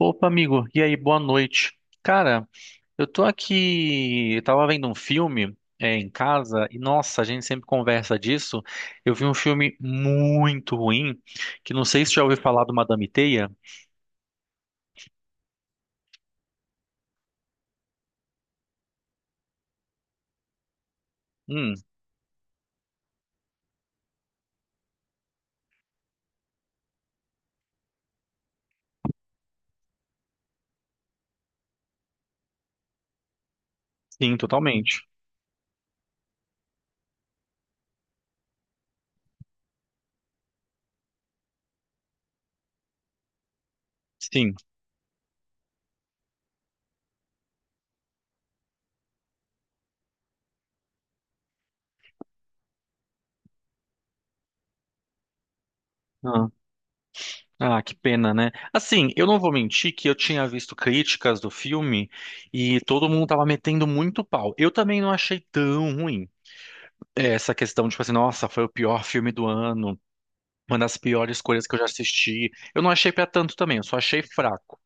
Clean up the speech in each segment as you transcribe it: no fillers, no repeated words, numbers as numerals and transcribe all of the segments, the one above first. Opa, amigo. E aí, boa noite. Cara, eu tava vendo um filme em casa e nossa, a gente sempre conversa disso. Eu vi um filme muito ruim, que não sei se já ouviu falar do Madame Teia. Hum, sim, totalmente. Sim. Ah, ah, que pena, né? Assim, eu não vou mentir que eu tinha visto críticas do filme e todo mundo tava metendo muito pau. Eu também não achei tão ruim. Essa questão, tipo assim, nossa, foi o pior filme do ano. Uma das piores coisas que eu já assisti. Eu não achei pra tanto também, eu só achei fraco.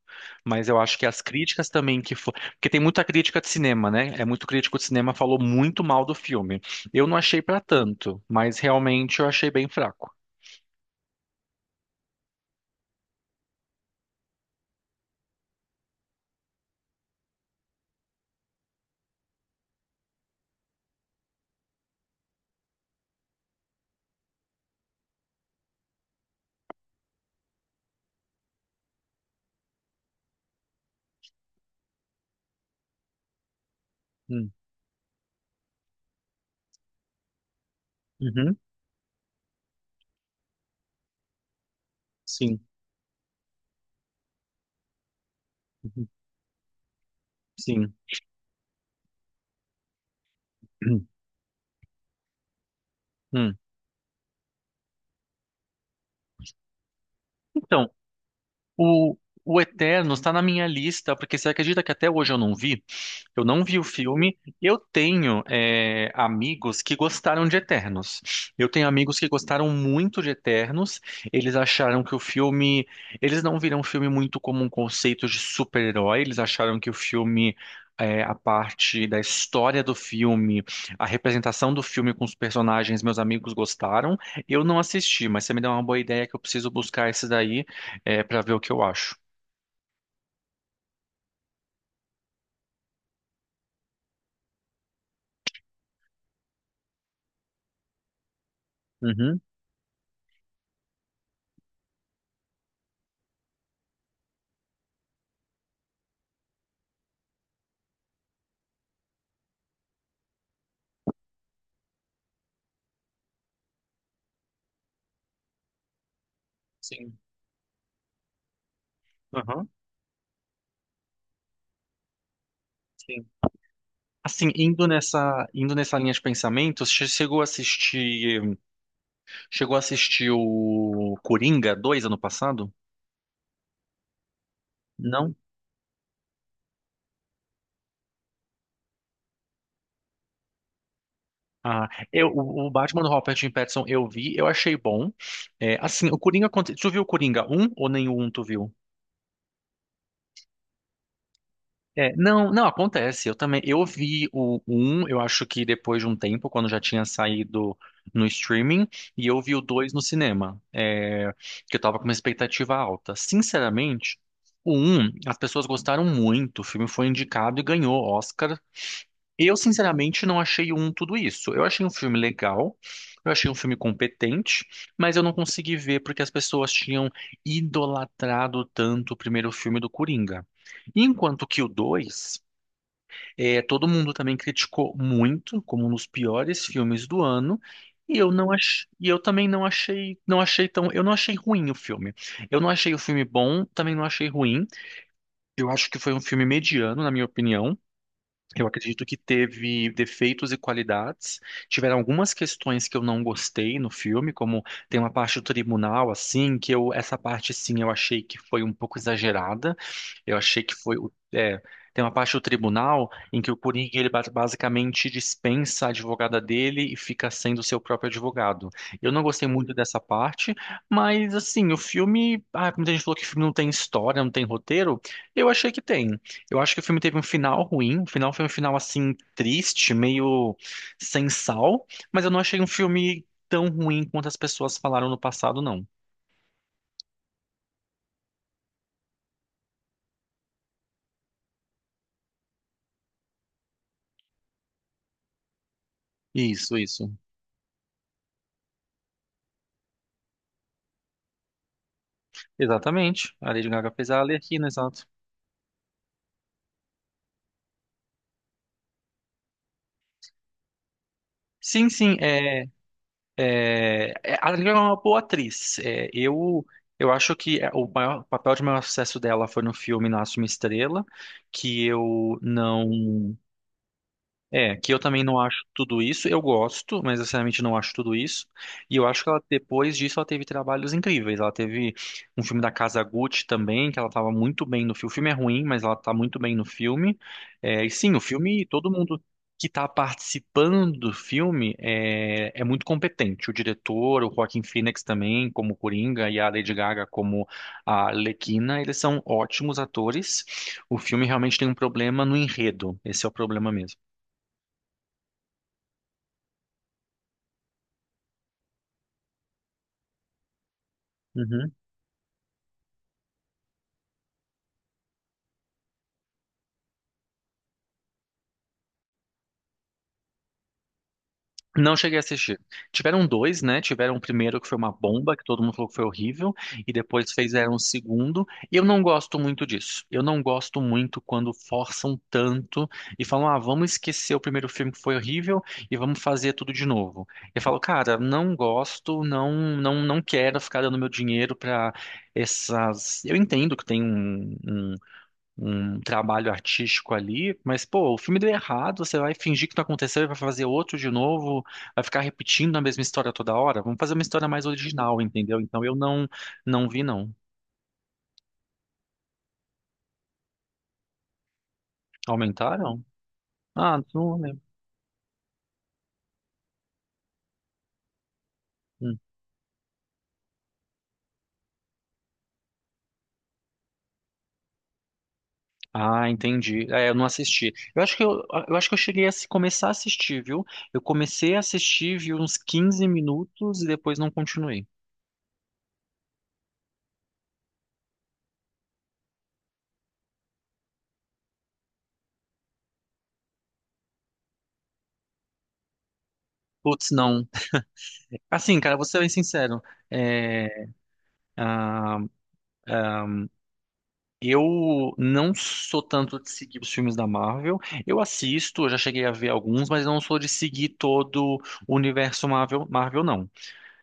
Mas eu acho que as críticas também que foi. Porque tem muita crítica de cinema, né? É muito crítico de cinema, falou muito mal do filme. Eu não achei pra tanto, mas realmente eu achei bem fraco. Hum. Uhum. Sim. Uhum. Sim. Hum. Então, O, o eterno está na minha lista, porque você acredita que até hoje eu não vi? Eu não vi o filme. Eu tenho amigos que gostaram de Eternos. Eu tenho amigos que gostaram muito de Eternos. Eles acharam que o filme. Eles não viram o filme muito como um conceito de super-herói. Eles acharam que o filme. A parte da história do filme, a representação do filme com os personagens, meus amigos gostaram. Eu não assisti, mas você me deu uma boa ideia que eu preciso buscar esse daí para ver o que eu acho. Uhum. Sim. Aham. Sim. Assim, indo nessa linha de pensamento, chegou a assistir o Coringa 2 ano passado? Não? Ah, eu, o Batman do Robert Pattinson eu vi, eu achei bom. É, assim, o Coringa, tu viu o Coringa um ou nenhum um tu viu? É, não, não acontece. Eu também, eu vi o um. Eu acho que depois de um tempo, quando já tinha saído no streaming, e eu vi o 2 no cinema, que eu tava com uma expectativa alta. Sinceramente, o um, as pessoas gostaram muito, o filme foi indicado e ganhou Oscar. Eu, sinceramente, não achei um tudo isso. Eu achei um filme legal, eu achei um filme competente, mas eu não consegui ver porque as pessoas tinham idolatrado tanto o primeiro filme do Coringa. Enquanto que o 2 todo mundo também criticou muito, como um dos piores filmes do ano. E eu também não achei, eu não achei ruim o filme. Eu não achei o filme bom, também não achei ruim. Eu acho que foi um filme mediano, na minha opinião. Eu acredito que teve defeitos e qualidades. Tiveram algumas questões que eu não gostei no filme, como tem uma parte do tribunal, assim, que eu, essa parte, sim, eu achei que foi um pouco exagerada. Eu achei que foi, tem uma parte do tribunal em que o Coringa, ele basicamente dispensa a advogada dele e fica sendo seu próprio advogado. Eu não gostei muito dessa parte, mas, assim, o filme, ah, muita gente falou que o filme não tem história, não tem roteiro. Eu achei que tem. Eu acho que o filme teve um final ruim. O final foi um final assim triste, meio sem sal, mas eu não achei um filme tão ruim quanto as pessoas falaram no passado, não. Isso, isso. Exatamente. A Lady Gaga fez a Arlequina, exato. Sim, sim, é, a Lady Gaga é uma boa atriz. Eu acho que o maior o papel de maior sucesso dela foi no filme Nasce uma Estrela, que eu não. É, que eu também não acho tudo isso. Eu gosto, mas eu sinceramente não acho tudo isso. E eu acho que ela, depois disso, ela teve trabalhos incríveis. Ela teve um filme da Casa Gucci também, que ela estava muito bem no filme. O filme é ruim, mas ela está muito bem no filme. É, e sim, o filme, todo mundo que está participando do filme é muito competente. O diretor, o Joaquin Phoenix também, como Coringa, e a Lady Gaga como a Arlequina, eles são ótimos atores. O filme realmente tem um problema no enredo. Esse é o problema mesmo. Uhum. Não cheguei a assistir. Tiveram dois, né? Tiveram o primeiro que foi uma bomba, que todo mundo falou que foi horrível, e depois fizeram o segundo. E eu não gosto muito disso. Eu não gosto muito quando forçam tanto e falam, ah, vamos esquecer o primeiro filme que foi horrível e vamos fazer tudo de novo. Eu falo, cara, não gosto, não, não, não quero ficar dando meu dinheiro pra essas. Eu entendo que tem um trabalho artístico ali, mas pô, o filme deu errado, você vai fingir que não aconteceu e vai fazer outro de novo, vai ficar repetindo a mesma história toda hora. Vamos fazer uma história mais original, entendeu? Então eu não não, vi não. Aumentaram? Ah, não lembro. Hum. Ah, entendi. É, eu não assisti. Eu acho que eu cheguei a começar a assistir, viu? Eu comecei a assistir, vi uns 15 minutos e depois não continuei. Putz, não. Assim, cara, vou ser bem sincero. É, ah, Eu não sou tanto de seguir os filmes da Marvel. Eu assisto, eu já cheguei a ver alguns, mas não sou de seguir todo o universo Marvel não.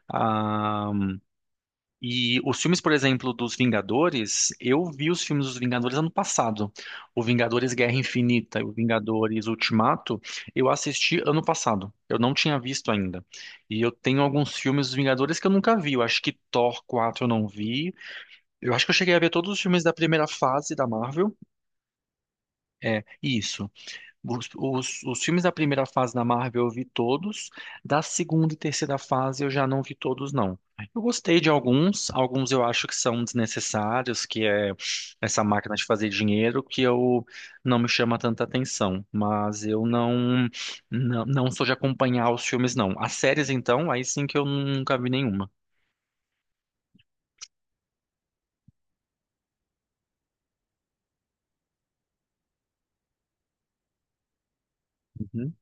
Ah, e os filmes, por exemplo, dos Vingadores, eu vi os filmes dos Vingadores ano passado. O Vingadores Guerra Infinita e o Vingadores Ultimato, eu assisti ano passado. Eu não tinha visto ainda. E eu tenho alguns filmes dos Vingadores que eu nunca vi. Eu acho que Thor 4 eu não vi. Eu acho que eu cheguei a ver todos os filmes da primeira fase da Marvel. É, isso. Os filmes da primeira fase da Marvel eu vi todos, da segunda e terceira fase eu já não vi todos, não. Eu gostei de alguns, alguns eu acho que são desnecessários, que é essa máquina de fazer dinheiro, que eu não me chama tanta atenção, mas eu não, não, não sou de acompanhar os filmes, não. As séries, então, aí sim que eu nunca vi nenhuma. Uhum.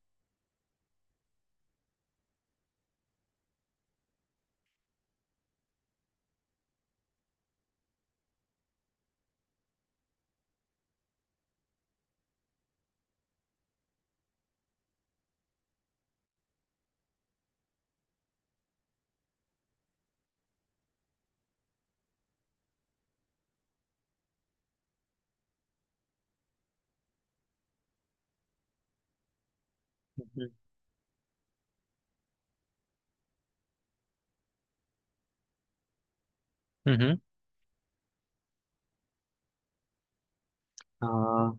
Uhum. Uhum. Ah,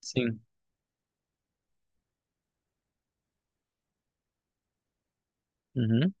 sim. Uhum.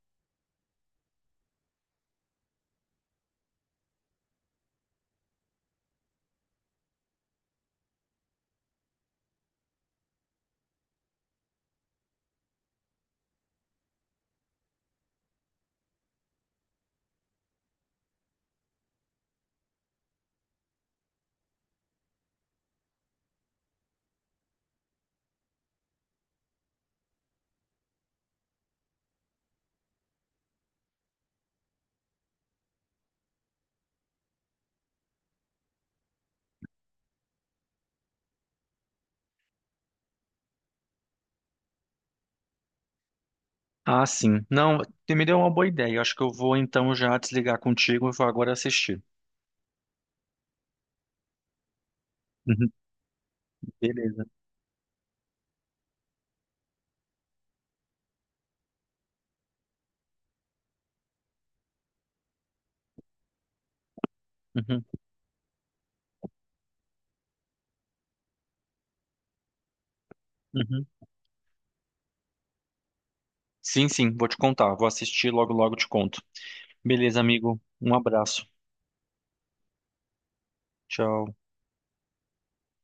Ah, sim. Não, me deu uma boa ideia. Eu acho que eu vou então já desligar contigo e vou agora assistir. Uhum. Beleza. Uhum, uhum. Sim, sim, vou te contar. Vou assistir logo te conto. Beleza, amigo. Um abraço. Tchau.